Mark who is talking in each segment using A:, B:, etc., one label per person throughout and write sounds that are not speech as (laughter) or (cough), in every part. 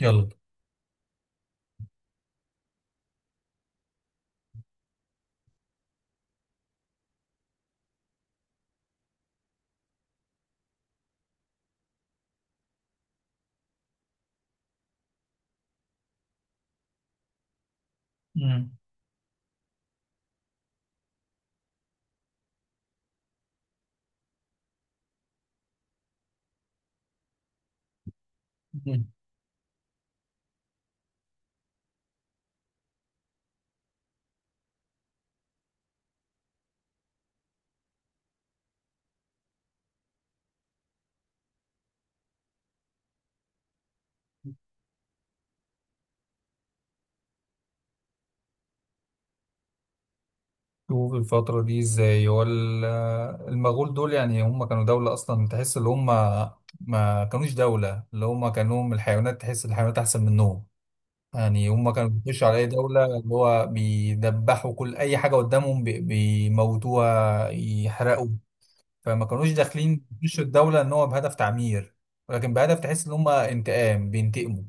A: يلا. مم. مم. شوف الفترة دي ازاي. هو المغول دول، يعني هم كانوا دولة أصلا؟ تحس إن هم ما كانوش دولة، اللي هم كانوا الحيوانات، تحس الحيوانات أحسن منهم. يعني هم كانوا بيخشوا على أي دولة، اللي هو بيدبحوا كل أي حاجة قدامهم، بيموتوها، يحرقوا. فما كانوش داخلين يخشوا الدولة إن هو بهدف تعمير، ولكن بهدف تحس إن هم انتقام، بينتقموا.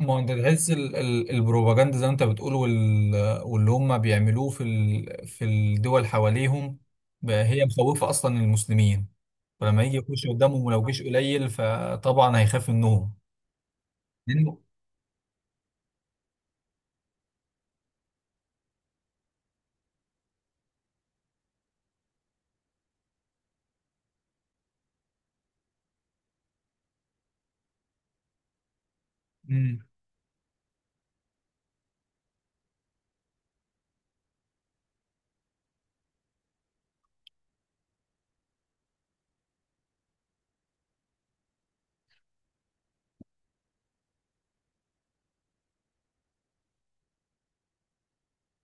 A: ما هو انت تحس البروباجندا زي ما انت بتقول، واللي هم بيعملوه في الدول حواليهم، بقى هي مخوفة اصلا المسلمين. فلما يجي يخش قدامهم ولو جيش قليل، فطبعا هيخاف منهم، لانه. مم.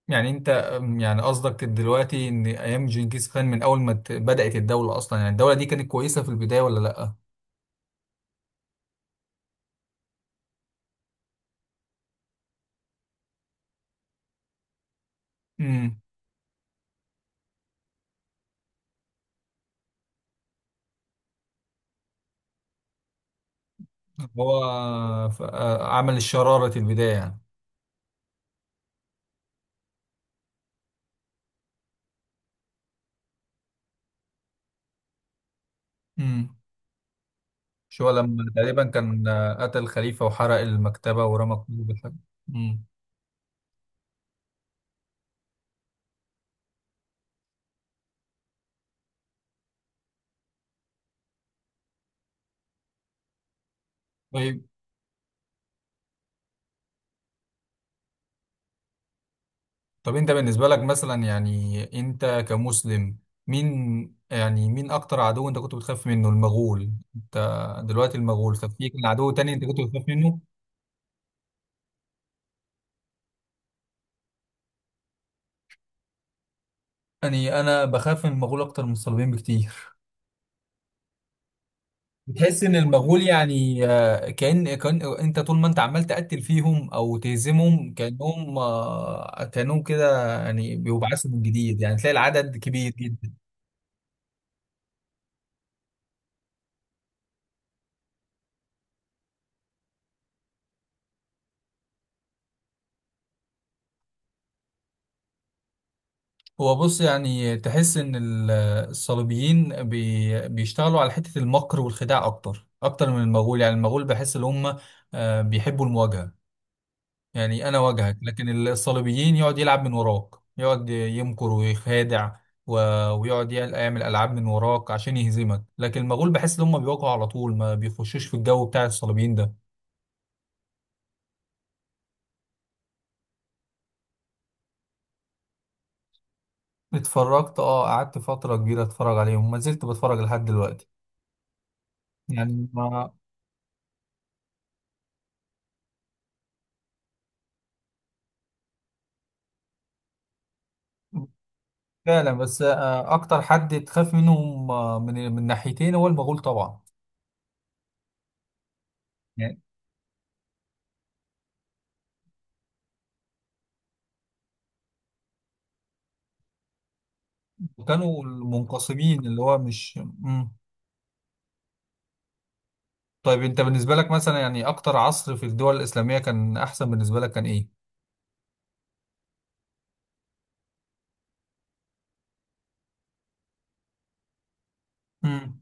A: يعني انت، يعني قصدك دلوقتي ان ايام جنكيز خان من اول ما بدأت الدولة اصلا، يعني الدولة دي كانت كويسة في البداية ولا لا؟ امم. هو عمل الشرارة البداية يعني. امم. مش هو لما تقريبا كان قتل خليفة وحرق المكتبة ورمى كتب الحاجة؟ امم. طيب. طب انت بالنسبة لك مثلا، يعني انت كمسلم، مين؟ يعني مين اكتر عدو انت كنت بتخاف منه؟ المغول؟ انت دلوقتي المغول، طب في كان عدو تاني انت كنت بتخاف منه؟ يعني انا بخاف من المغول اكتر من الصليبيين بكتير. بتحس ان المغول يعني، آه، كأن كان انت طول ما انت عمال تقتل فيهم او تهزمهم، كأنهم كده، يعني بيبعثوا من جديد، يعني تلاقي العدد كبير جدا. هو بص، يعني تحس ان الصليبيين بيشتغلوا على حتة المكر والخداع، اكتر اكتر من المغول. يعني المغول بحس ان هم بيحبوا المواجهة. يعني انا واجهك، لكن الصليبيين يقعد يلعب من وراك، يقعد يمكر ويخادع، و... ويقعد يعمل العاب من وراك عشان يهزمك. لكن المغول بحس ان هم بيواجهوا على طول، ما بيخشوش في الجو بتاع الصليبيين ده. اتفرجت. اه، قعدت فترة كبيرة اتفرج عليهم، ما زلت بتفرج لحد دلوقتي. يعني ما. (laughs) فعلا. بس اكتر حد تخاف منهم من ناحيتين هو المغول طبعا. يعني. كانوا المنقسمين اللي هو مش. طيب انت بالنسبة لك مثلا، يعني اكتر عصر في الدول الإسلامية كان احسن بالنسبة لك، كان ايه؟ امم.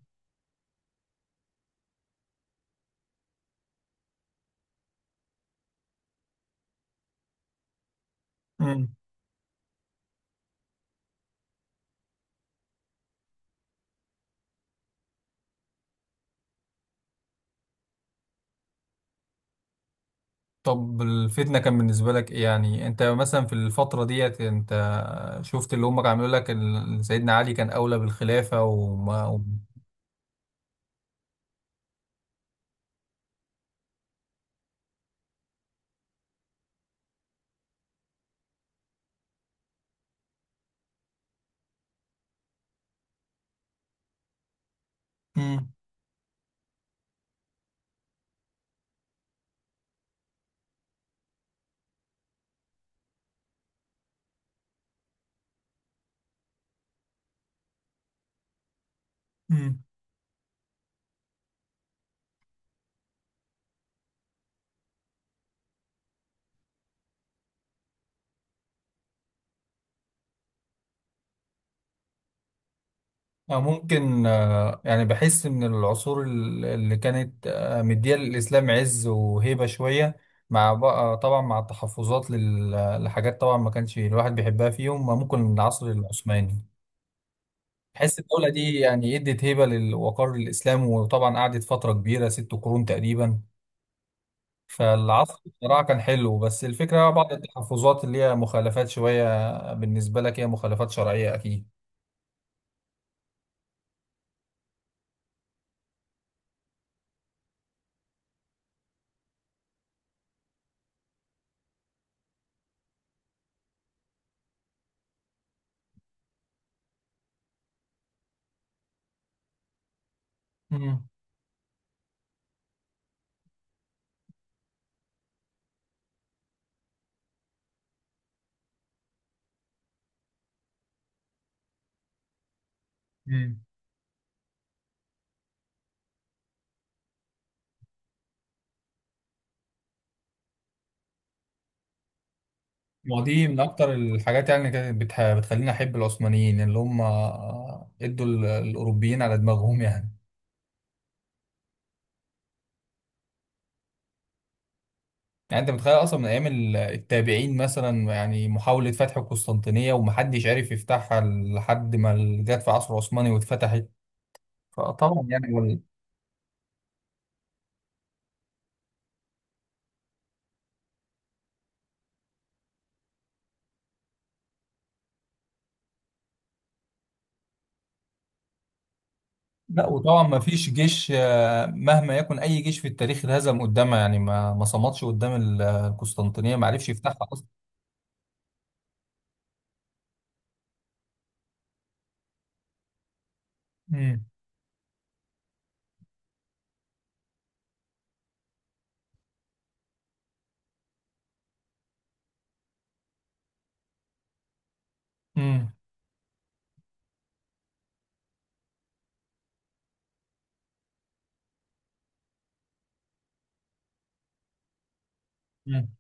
A: امم. طب الفتنة كان بالنسبة لك ايه؟ يعني انت مثلا في الفترة ديت، انت شفت اللي هم عملوا لك سيدنا علي كان اولى بالخلافة، وما. امم. امم. أو ممكن، يعني بحس ان العصور اللي كانت مديه للاسلام عز وهيبه شويه، مع بقى طبعا مع التحفظات لحاجات طبعا ما كانش الواحد بيحبها فيهم، ممكن العصر العثماني. بحس الدولة دي يعني ادت هيبة للوقار الإسلام، وطبعا قعدت فترة كبيرة، 6 قرون تقريبا. فالعصر بصراحة كان حلو، بس الفكرة بعض التحفظات اللي هي مخالفات شوية بالنسبة لك، هي مخالفات شرعية أكيد. مم. مم. ودي من أكتر الحاجات يعني اللي كانت بتخليني أحب العثمانيين، اللي هم ادوا الأوروبيين على دماغهم يعني. يعني أنت متخيل أصلا من أيام التابعين مثلا، يعني محاولة فتح القسطنطينية ومحدش عارف يفتحها لحد ما جت في عصر عثماني واتفتحت. فطبعا يعني لا، وطبعا ما فيش جيش، مهما يكن اي جيش في التاريخ اتهزم قدامها، يعني ما صمدش قدام القسطنطينيه، ما عرفش يفتحها اصلا. امم. امم. امم.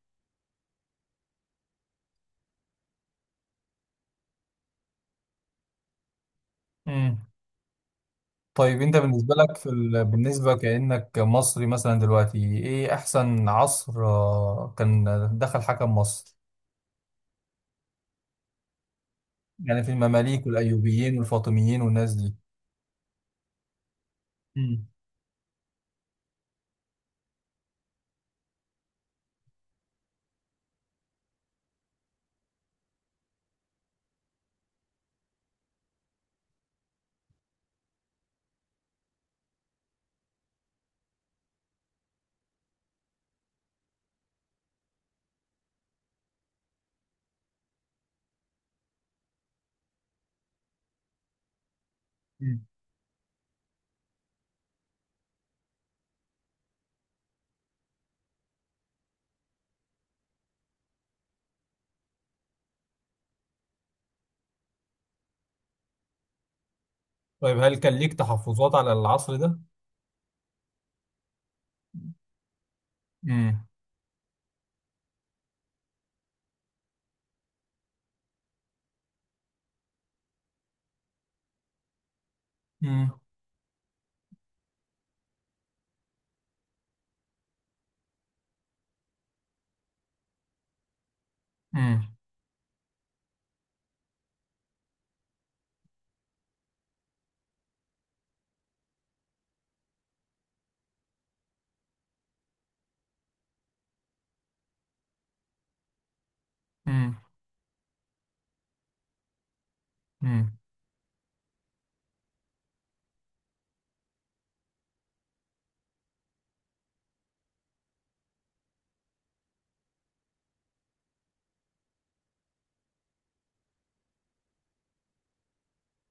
A: أمم. طيب انت بالنسبه لك بالنسبه كانك مصري مثلا دلوقتي، ايه احسن عصر كان دخل حكم مصر؟ يعني في المماليك والايوبيين والفاطميين والناس دي. مم. مم. طيب هل كان ليك تحفظات على العصر ده؟ امم. امم. امم.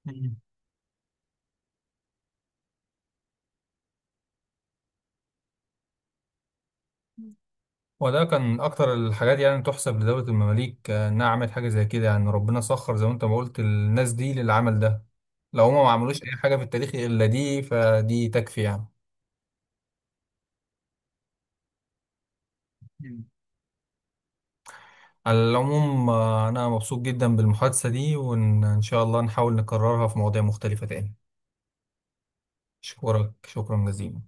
A: امم. وده كان أكتر الحاجات يعني تحسب لدولة المماليك، إنها عملت حاجة زي كده. يعني ربنا سخر زي ما أنت ما قلت الناس دي للعمل ده. لو هما ما عملوش أي حاجة في التاريخ إلا دي، فدي تكفي يعني. مم. على العموم، أنا مبسوط جدا بالمحادثة دي، وإن شاء الله نحاول نكررها في مواضيع مختلفة تاني. أشكرك، شكرا جزيلا.